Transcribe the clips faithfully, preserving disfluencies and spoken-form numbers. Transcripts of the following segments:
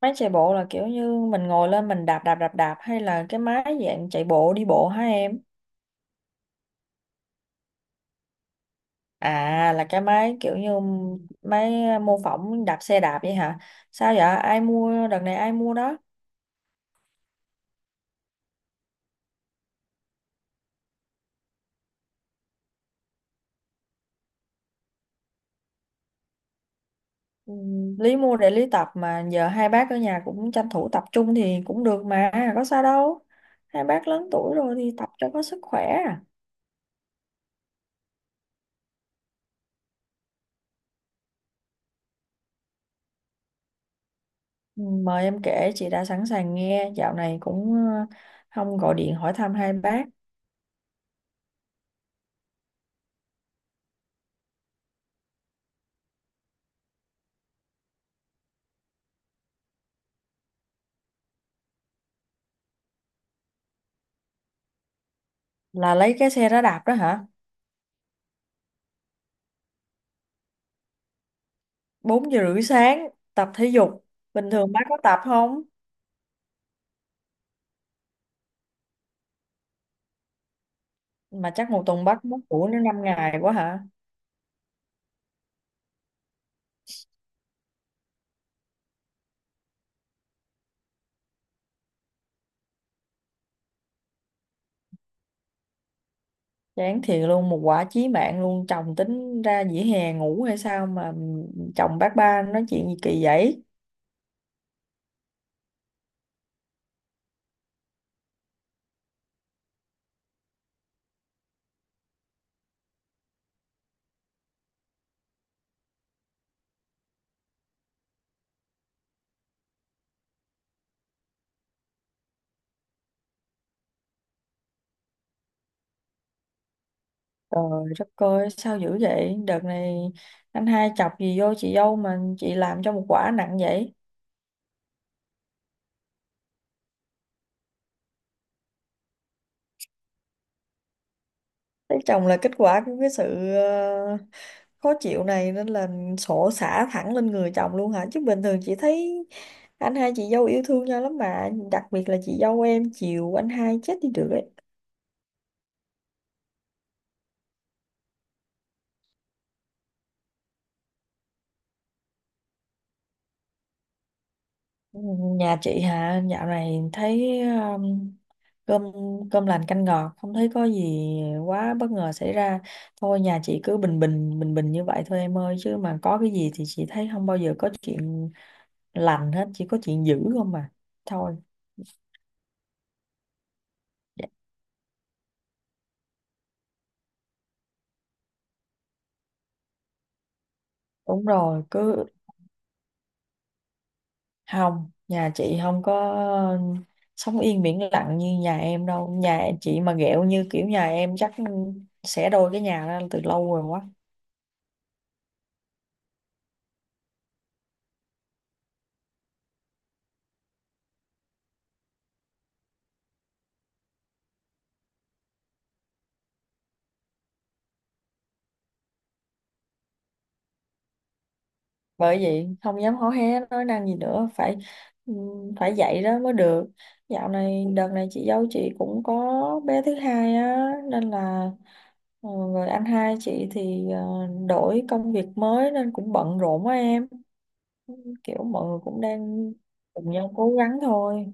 Máy chạy bộ là kiểu như mình ngồi lên mình đạp đạp đạp đạp hay là cái máy dạng chạy bộ đi bộ hả em? À là cái máy kiểu như máy à, mô phỏng đạp xe đạp vậy hả? Sao vậy? Ai mua đợt này ai mua đó? Ừ, Lý mua để Lý tập mà giờ hai bác ở nhà cũng tranh thủ tập trung thì cũng được mà, có sao đâu. Hai bác lớn tuổi rồi thì tập cho có sức khỏe. À. Ừ, mời em kể chị đã sẵn sàng nghe, dạo này cũng ờ, không gọi điện hỏi thăm hai bác. Là lấy cái xe đó đạp đó hả? Bốn giờ rưỡi sáng tập thể dục. Bình thường bác có tập không? Mà chắc một tuần bác mất ngủ đến năm ngày quá hả? Chán thiệt luôn, một quả chí mạng luôn, chồng tính ra dĩa hè ngủ hay sao mà, chồng bác ba nói chuyện gì kỳ vậy. Trời đất ơi sao dữ vậy đợt này, anh hai chọc gì vô chị dâu mà chị làm cho một quả nặng vậy. Lấy chồng là kết quả của cái sự ờ, khó chịu này nên là sổ xả thẳng lên người chồng luôn hả, chứ bình thường chị thấy anh hai chị dâu yêu thương nhau lắm mà, đặc biệt là chị dâu em chiều anh hai chết đi được đấy. Nhà chị hả, dạo này thấy um, cơm cơm lành canh ngọt, không thấy có gì quá bất ngờ xảy ra. Thôi nhà chị cứ bình bình bình bình như vậy thôi em ơi, chứ mà có cái gì thì chị thấy không bao giờ có chuyện lành hết, chỉ có chuyện dữ không mà. Thôi dạ. Đúng rồi, cứ không, nhà chị không có sống yên biển lặng như nhà em đâu. Nhà chị mà ghẹo như kiểu nhà em chắc xẻ đôi cái nhà ra từ lâu rồi quá. Bởi vậy không dám hó hé nói năng gì nữa, phải phải dạy đó mới được. Dạo này đợt này chị dâu chị cũng có bé thứ hai á nên là ờ, rồi anh hai chị thì ờ, đổi công việc mới nên cũng bận rộn quá em. Kiểu mọi người cũng đang cùng nhau cố gắng thôi.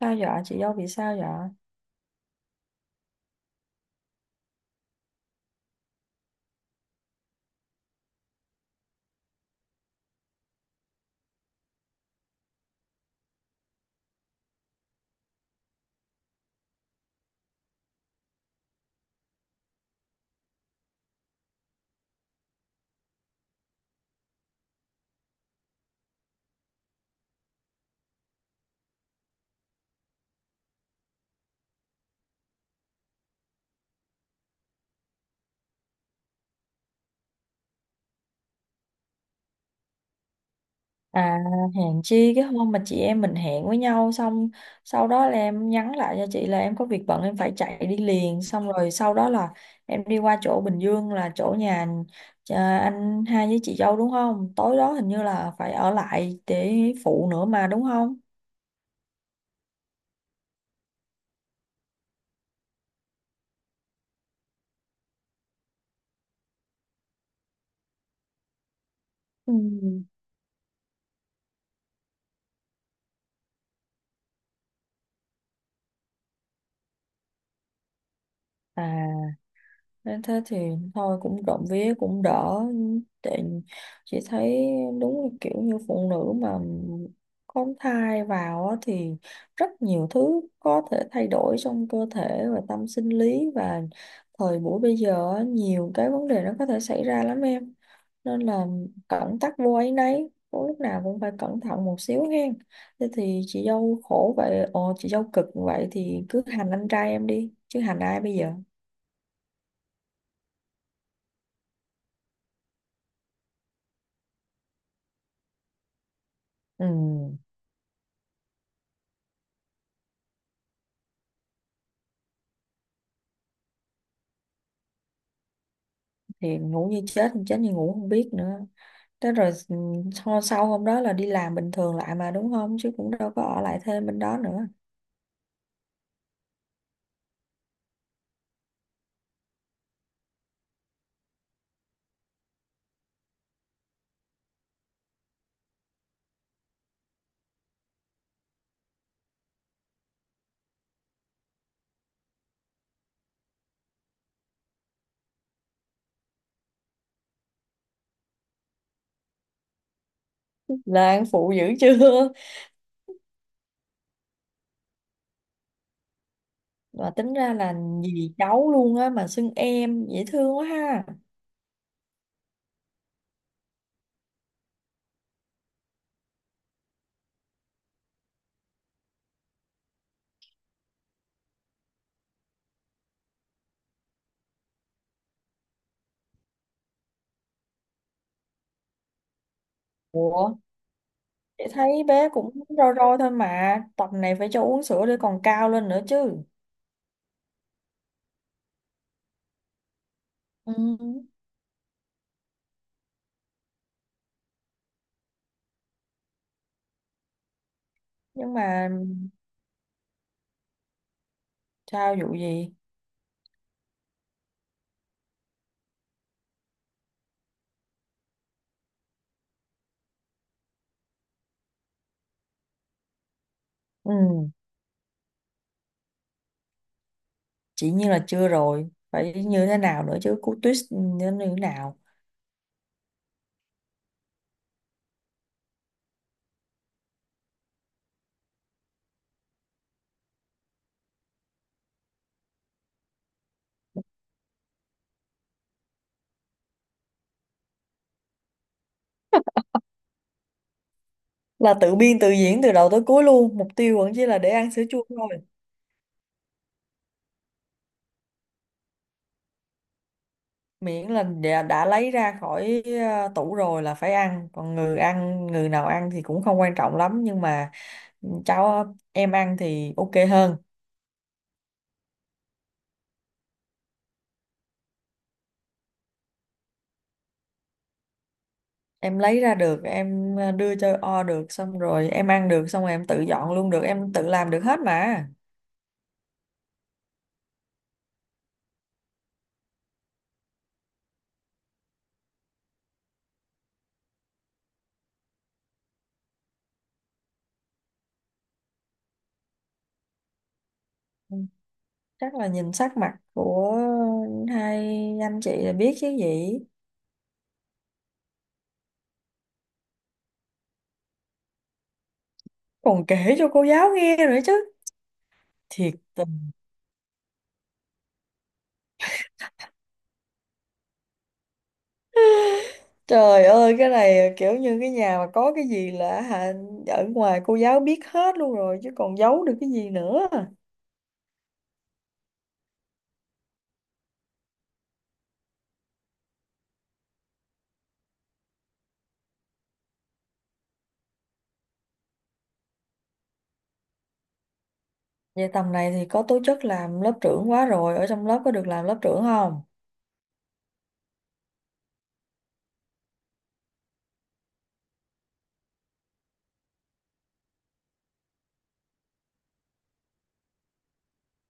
Sao vậy chị dâu bị sao vậy? À, hẹn chi cái hôm mà chị em mình hẹn với nhau xong sau đó là em nhắn lại cho chị là em có việc bận em phải chạy đi liền, xong rồi sau đó là em đi qua chỗ Bình Dương là chỗ nhà à, anh hai với chị dâu đúng không? Tối đó hình như là phải ở lại để phụ nữa mà đúng không? Ừ. À, nên thế thì thôi cũng rộng vía cũng đỡ. Tại chị thấy đúng là kiểu như phụ nữ mà có thai vào á thì rất nhiều thứ có thể thay đổi trong cơ thể và tâm sinh lý, và thời buổi bây giờ á, nhiều cái vấn đề nó có thể xảy ra lắm em, nên là cẩn tắc vô áy náy. Có lúc nào cũng phải cẩn thận một xíu hen. Thế thì chị dâu khổ vậy, ồ chị dâu cực vậy thì cứ hành anh trai em đi chứ hành ai bây giờ. Ừ thì ngủ như chết, chết như ngủ không biết nữa. Thế rồi ừ, sau sau hôm đó là đi làm bình thường lại mà đúng không, chứ cũng đâu có ở lại thêm bên đó nữa. Lan phụ dữ chưa, mà tính ra là dì cháu luôn á mà xưng em dễ thương quá ha. Ủa, chị thấy bé cũng rôi rôi thôi mà tập này phải cho uống sữa để còn cao lên nữa chứ. Ừ. Nhưng mà sao, vụ gì? Ừ. Chỉ như là chưa, rồi phải như thế nào nữa chứ, cú twist như thế nào? Là tự biên tự diễn từ đầu tới cuối luôn, mục tiêu vẫn chỉ là để ăn sữa chua thôi. Miễn là đã, đã lấy ra khỏi ờ, tủ rồi là phải ăn, còn người ăn, người nào ăn thì cũng không quan trọng lắm, nhưng mà ừ, cháu em ăn thì ok hơn. Em lấy ra được, em ờ, đưa cho o được, xong rồi em ăn được, xong rồi em tự dọn luôn được, em tự làm được hết mà. Ừ, chắc là nhìn sắc mặt của hai anh chị là biết chứ gì. Còn kể cho cô giáo nghe nữa chứ. Thiệt. Trời ơi cái này kiểu như cái nhà mà có cái gì là hả, ở ngoài cô giáo biết hết luôn rồi chứ còn giấu được cái gì nữa. Vậy tầm này thì có tố chất làm lớp trưởng quá rồi, ở trong lớp có được làm lớp trưởng không?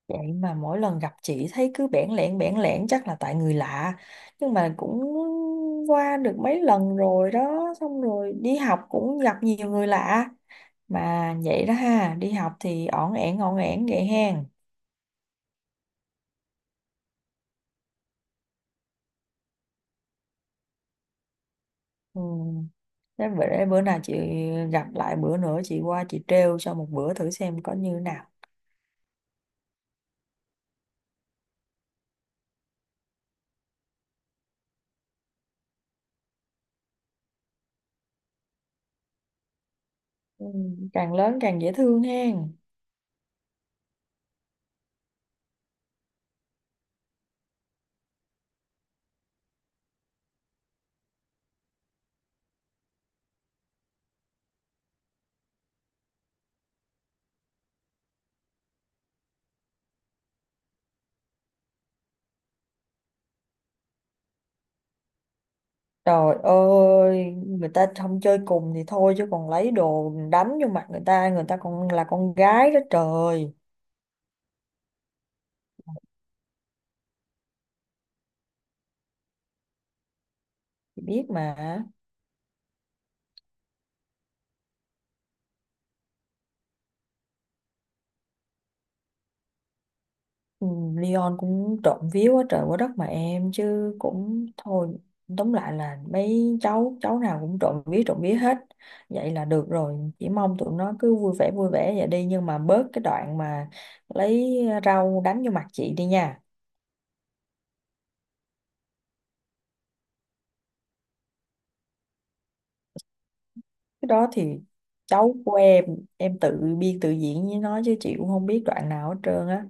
Vậy mà mỗi lần gặp chị thấy cứ bẽn lẽn bẽn lẽn, chắc là tại người lạ. Nhưng mà cũng qua được mấy lần rồi đó, xong rồi đi học cũng gặp nhiều người lạ. Mà vậy đó ha, đi học thì ổn ẻn ổn ẻn vậy hen. Ừ. Thế bữa, bữa nào chị gặp lại bữa nữa chị qua chị trêu cho một bữa thử xem có như nào. Ừ. Càng lớn càng dễ thương hen. Trời ơi, người ta không chơi cùng thì thôi chứ còn lấy đồ đánh vô mặt người ta, người ta còn là con gái đó trời. Chị biết mà. Ừ, Leon cũng trộm vía quá trời quá đất mà em, chứ cũng thôi, tóm lại là mấy cháu cháu nào cũng trộm vía trộm vía hết, vậy là được rồi, chỉ mong tụi nó cứ vui vẻ vui vẻ vậy đi, nhưng mà bớt cái đoạn mà lấy rau đánh vô mặt chị đi nha. Cái đó thì cháu của em em tự biên tự diễn với nó chứ chị cũng không biết đoạn nào hết trơn á.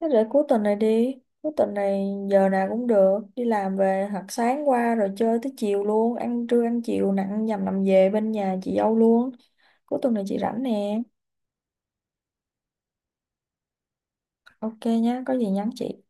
Thế để cuối tuần này đi. Cuối tuần này giờ nào cũng được. Đi làm về hoặc sáng qua rồi chơi tới chiều luôn. Ăn trưa ăn chiều nặng nhằm nằm về bên nhà chị dâu luôn. Cuối tuần này chị rảnh nè. Ok nhá, có gì nhắn chị.